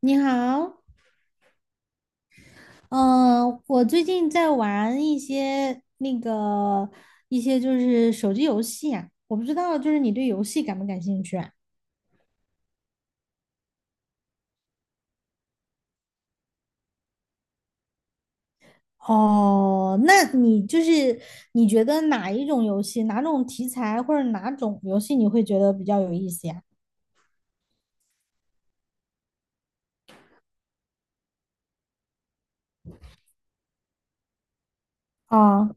你好。嗯、我最近在玩一些就是手机游戏啊，我不知道就是你对游戏感不感兴趣啊？哦，那你就是你觉得哪一种游戏、哪种题材或者哪种游戏你会觉得比较有意思呀？啊。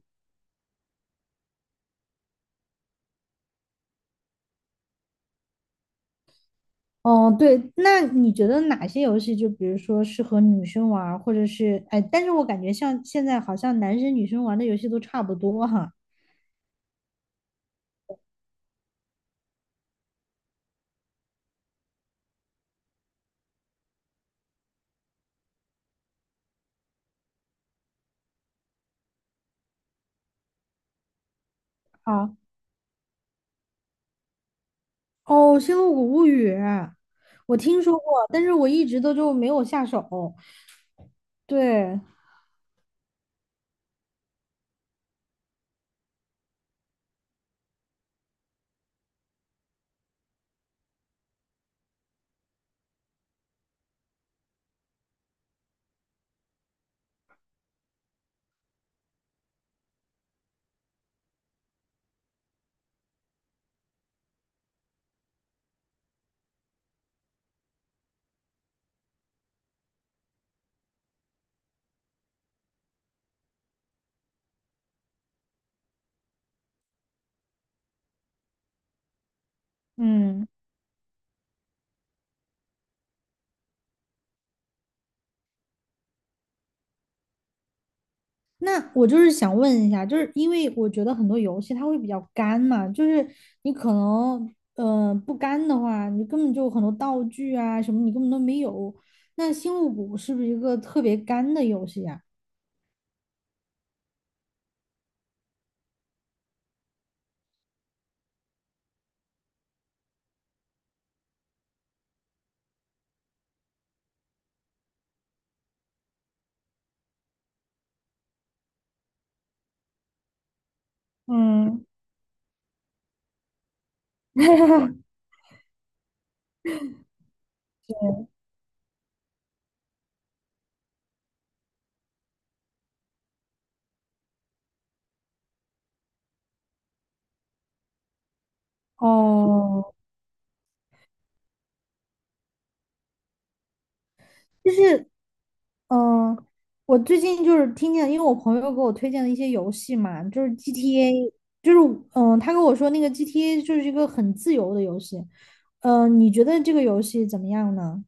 哦，对，那你觉得哪些游戏就比如说适合女生玩儿或者是哎，但是我感觉像现在好像男生女生玩的游戏都差不多哈。哦，《星露谷物语》，我听说过，但是我一直都就没有下手。对。嗯，那我就是想问一下，就是因为我觉得很多游戏它会比较干嘛，就是你可能，不干的话，你根本就很多道具啊什么你根本都没有。那《星露谷》是不是一个特别干的游戏呀？嗯。哦，就是嗯，我最近就是听见，因为我朋友给我推荐了一些游戏嘛，就是 GTA,就是他跟我说那个 GTA 就是一个很自由的游戏。嗯，你觉得这个游戏怎么样呢？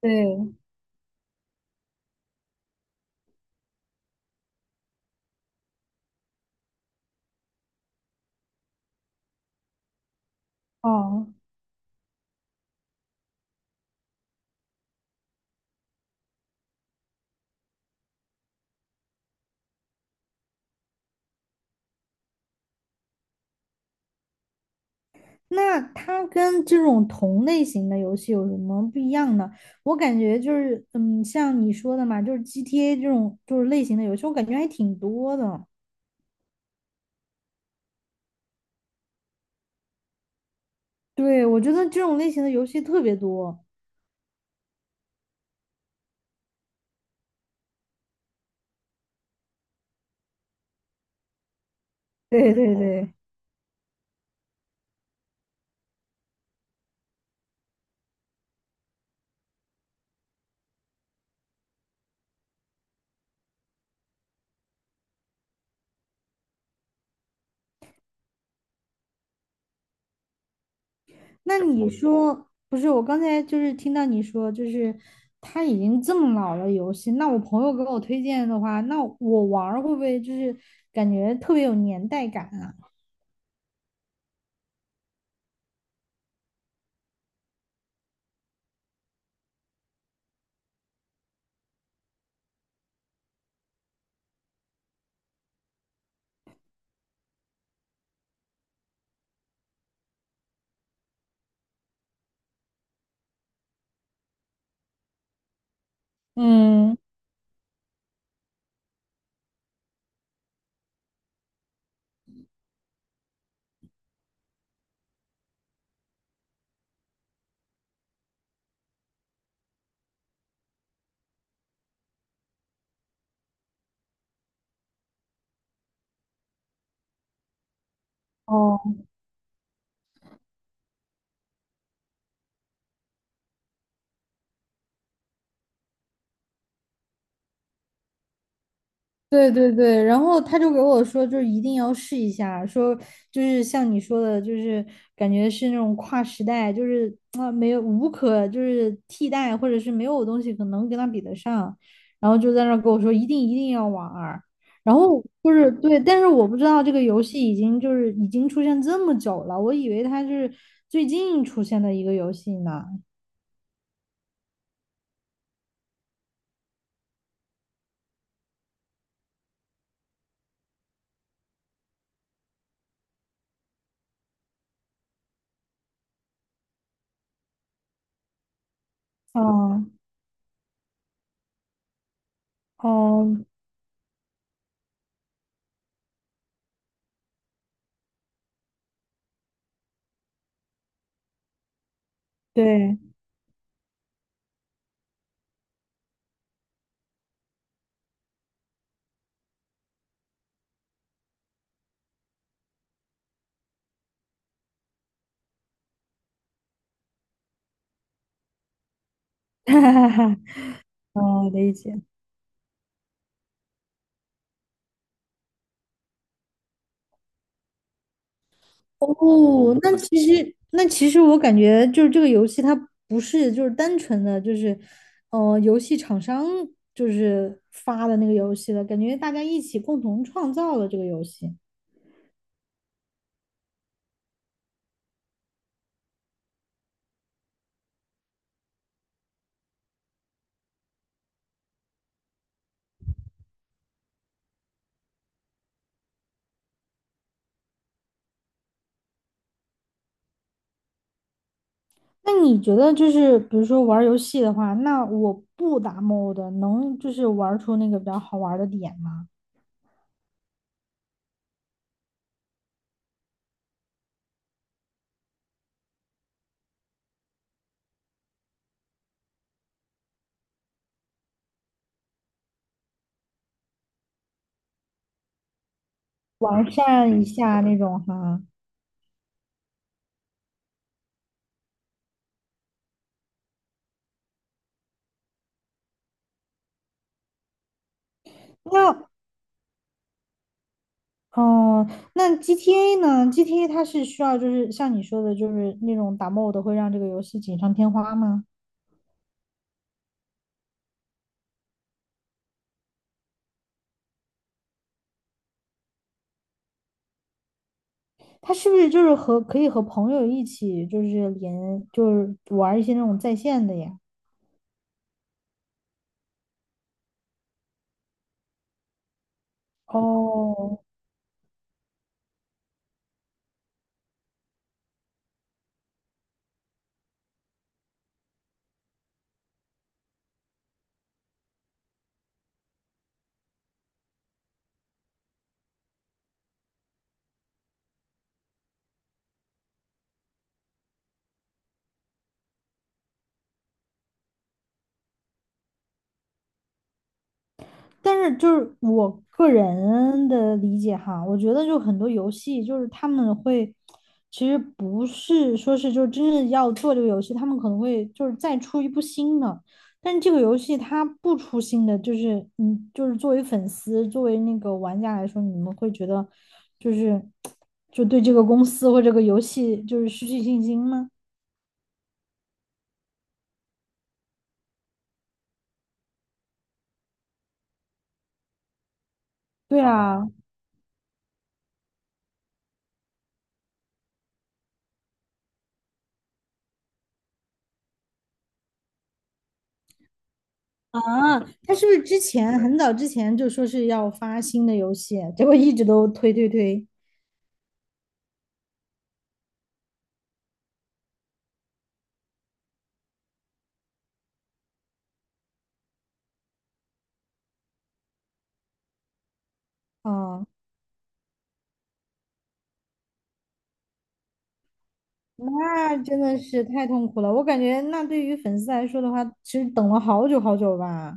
对。哦，那它跟这种同类型的游戏有什么不一样呢？我感觉就是，像你说的嘛，就是 GTA 这种就是类型的游戏，我感觉还挺多的。对，我觉得这种类型的游戏特别多。对对对。那你说，不是，我刚才就是听到你说，就是他已经这么老了游戏，那我朋友给我推荐的话，那我玩儿会不会就是感觉特别有年代感啊？嗯。哦，对对对，然后他就给我说，就是一定要试一下，说就是像你说的，就是感觉是那种跨时代，就是啊没有无可就是替代，或者是没有东西可能跟他比得上，然后就在那儿跟我说一定一定要玩儿，然后就是对，但是我不知道这个游戏已经就是已经出现这么久了，我以为它是最近出现的一个游戏呢。哦哦，对，哈哈哈。哦，理解。哦，那其实那其实我感觉就是这个游戏它不是就是单纯的就是，游戏厂商就是发的那个游戏了，感觉大家一起共同创造了这个游戏。那你觉得就是比如说玩儿游戏的话，那我不打 mod 能就是玩儿出那个比较好玩儿的点吗？完善一下那种哈。那哦，那 GTA 呢？GTA 它是需要就是像你说的，就是那种打 mod 会让这个游戏锦上添花吗？它是不是就是和可以和朋友一起就是连就是玩一些那种在线的呀？哦，但是就是我个人的理解哈，我觉得就很多游戏就是他们会，其实不是说是就是真正要做这个游戏，他们可能会就是再出一部新的，但是这个游戏它不出新的，就是嗯，就是作为粉丝，作为那个玩家来说，你们会觉得就是就对这个公司或这个游戏就是失去信心吗？对啊，啊他是不是之前很早之前就说是要发新的游戏，结果一直都推推推？嗯。那真的是太痛苦了。我感觉，那对于粉丝来说的话，其实等了好久好久吧。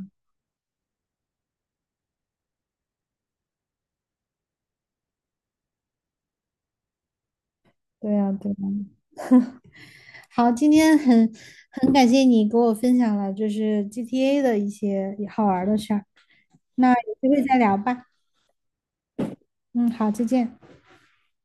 对呀，对呀。好，今天很感谢你给我分享了就是 GTA 的一些好玩儿的事儿。那有机会再聊吧。嗯，好，再见。